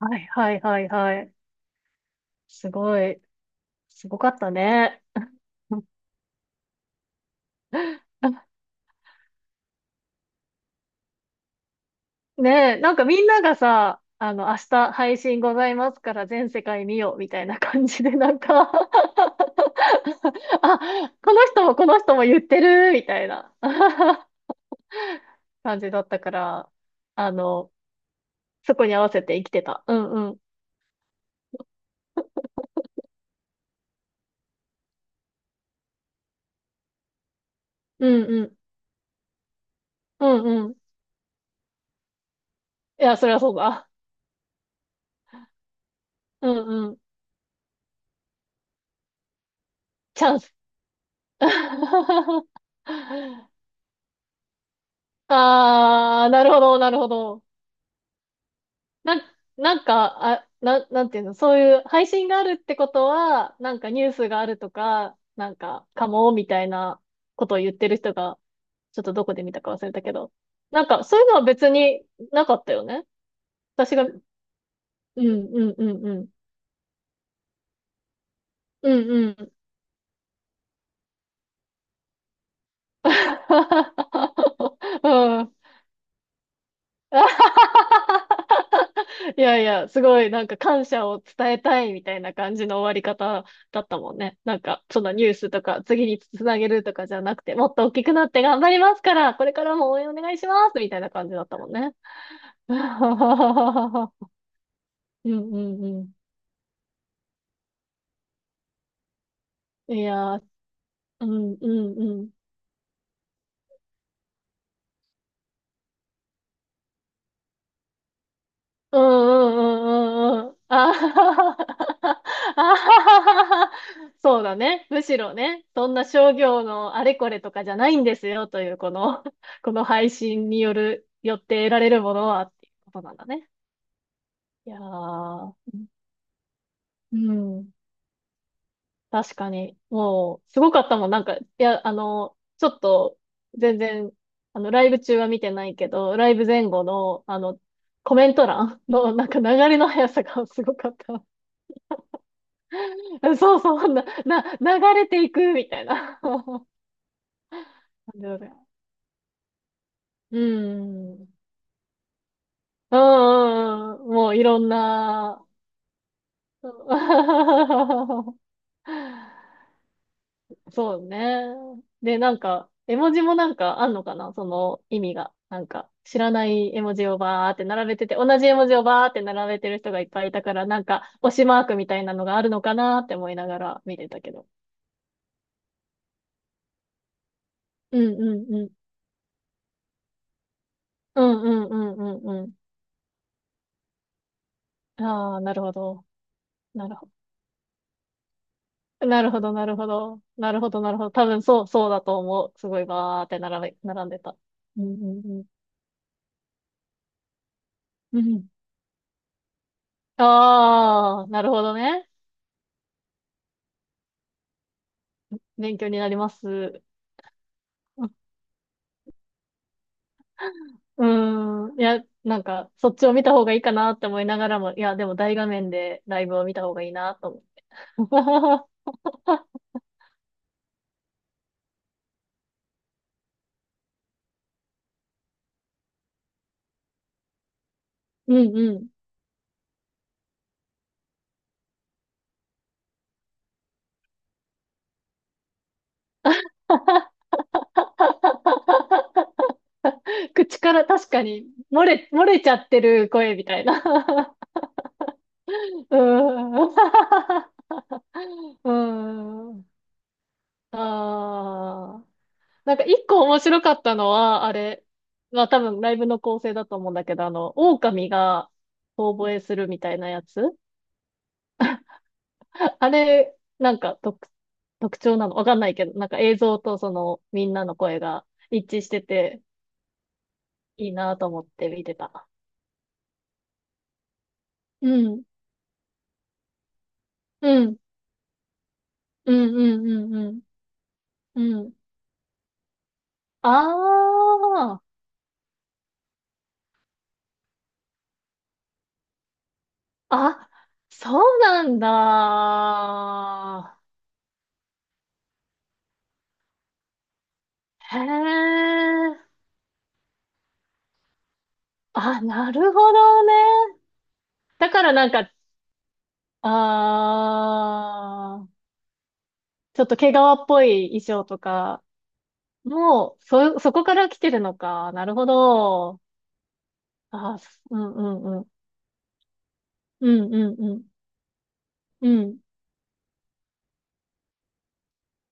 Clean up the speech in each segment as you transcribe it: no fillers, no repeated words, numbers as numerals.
はいはいはいはい。すごい。すごかったね。ねえ、なんかみんながさ、明日配信ございますから全世界見ようみたいな感じで、なんか あ、この人もこの人も言ってるみたいな 感じだったから、あの、そこに合わせて生きてた。うんうん。うんうん。うんうん。いや、そりゃそうだ。うんうん。チャンス。ああ、なるほど、なるほど。なん、なんか、なんていうの、そういう配信があるってことは、なんかニュースがあるとか、なんか、かも、みたいなことを言ってる人が、ちょっとどこで見たか忘れたけど。なんか、そういうのは別になかったよね。私が、うん、うん、うん、うん。うん、うん。うん、あはははいやいや、すごいなんか感謝を伝えたいみたいな感じの終わり方だったもんね。なんか、そのニュースとか次につなげるとかじゃなくて、もっと大きくなって頑張りますから、これからも応援お願いしますみたいな感じだったもんね。うんうんうん。いやー、うんうんうん。うんうんうんうんうん。あはははあはははそうだね。むしろね、そんな商業のあれこれとかじゃないんですよという、この、この配信による、よって得られるものはっていうことなんだね。いやー、うん。確かに。もう、すごかったもん。なんか、いや、ちょっと、全然、ライブ中は見てないけど、ライブ前後の、コメント欄の、なんか流れの速さがすごかった。そうそう、流れていくみたいな。感情でうん。うんうんうん。もういろんな。そう そうね。で、なんか、絵文字もなんかあんのかなその意味が。なんか、知らない絵文字をバーって並べてて、同じ絵文字をバーって並べてる人がいっぱいいたから、なんか、推しマークみたいなのがあるのかなって思いながら見てたけど。うんうんうん。うんうんうんうんうん。ああ、なるほど。なるほど。なるほど、なるほど。なるほど、なるほど。多分そうだと思う。すごいバーって並んでた。うん、うん、うん。うん。ああ、なるほどね。勉強になります。うん。いや、なんか、そっちを見た方がいいかなって思いながらも、いや、でも大画面でライブを見た方がいいなと思う。うん、うん。口から確かに漏れちゃってる声みたいな。うーん。うーん。ああ。なんか一個面白かったのは、あれ、まあ多分ライブの構成だと思うんだけど、狼が遠吠えするみたいなやつ。あれ、なんか特徴なのわかんないけど、なんか映像とそのみんなの声が一致してていいなと思って見てた。うん。うん。うんうんうんうん。うん。ああ。あ、そうなんだ。へえ。あ、なるほどね。だからなんか、あー、ちょっと毛皮っぽい衣装とか、もう、そこから来てるのか。なるほど。あー、すうんうんうん。うんうんうん。うん。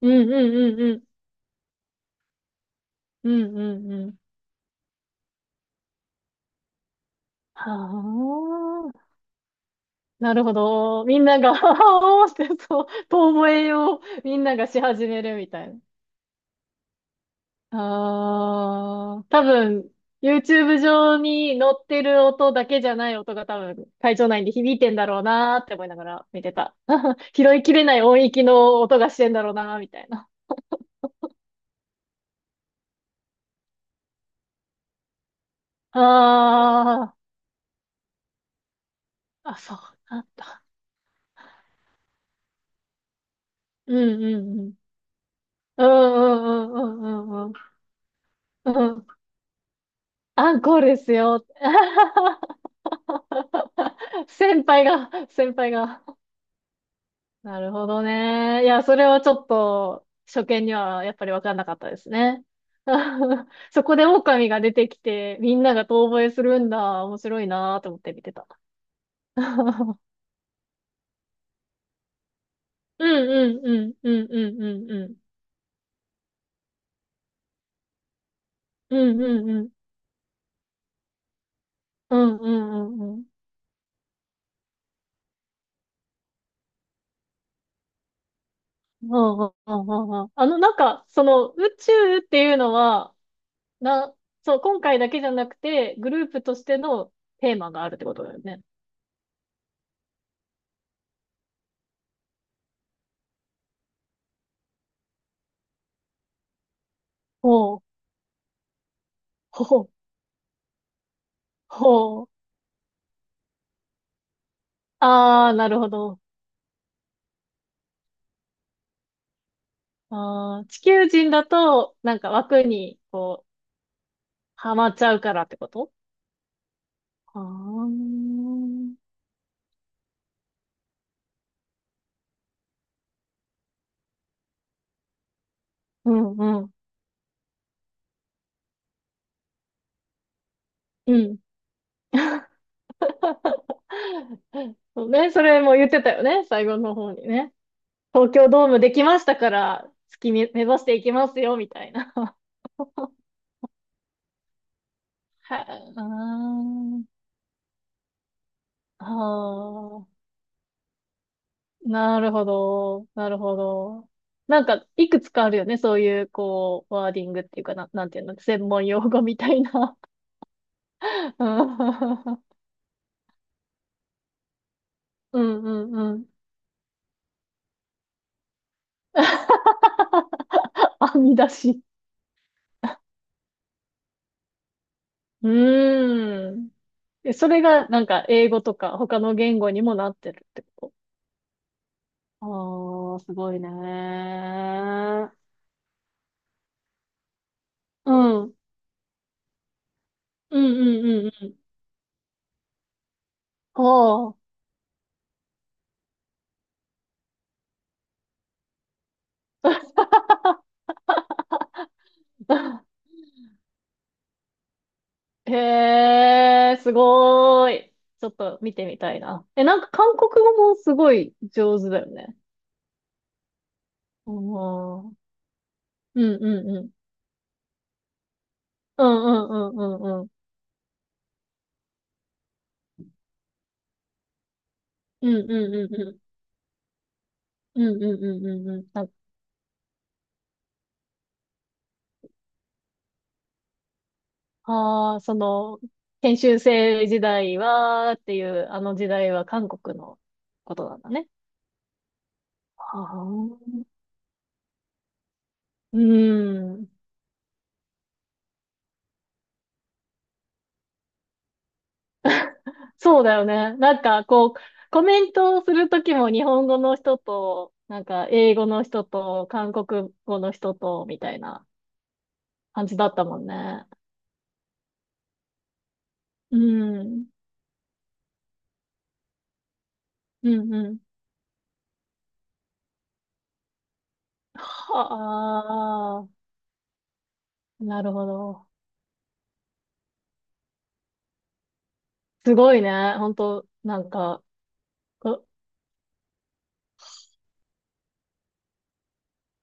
うんうんうんうん。うんうんうん。はあ。なるほど。みんなが、おーって、そう、遠吠えをみんながし始めるみたいな。ああ、多分、YouTube 上に載ってる音だけじゃない音が多分、会場内に響いてんだろうなーって思いながら見てた。拾いきれない音域の音がしてんだろうなーみたいな。ああ、あ、そうなんだ。うんうんうん。うんうんうんうんうんうん。うん。アンコールですよ。先輩が、先輩が。なるほどね。いや、それはちょっと、初見にはやっぱりわかんなかったですね。そこで狼が出てきて、みんなが遠吠えするんだ。面白いなーと思って見てた。うんうんうんうんうんうんうん。うんうんうん。うんうんうんうん。うんうんうんうん。なんか、その宇宙っていうのは、な、そう、今回だけじゃなくて、グループとしてのテーマがあるってことだよね。ほう、ほう、ほう。ああ、なるほど。あー地球人だと、なんか枠に、こう、はまっちゃうからってことああー、うんうん、うん。そうね、それも言ってたよね、最後の方にね。東京ドームできましたから、目指していきますよ、みたいな。はあああー、なるほど、なるほど。なんか、いくつかあるよね、そういう、こう、ワーディングっていうかな、なんていうの、専門用語みたいな。うん うんうん。編み出し。うーん。えそれがなんか英語とか他の言語にもなってるってことああー、すごいねー。うん。うんうんうんうん。ほう。へえ、すごーい。ちょっと見てみたいな。え、なんか韓国語もすごい上手だよね。うん。うんうんうん。うんうんうんうんうん。うんうんうんうんうんうんうんうんうん。なああー、研修生時代は、っていう、あの時代は韓国のことなんだね。はあ、うん。そうだよね。なんか、こう、コメントをするときも日本語の人と、なんか、英語の人と、韓国語の人と、みたいな感じだったもんね。うん。うんうん。はあ、なるほど。すごいね。本当なんか、こ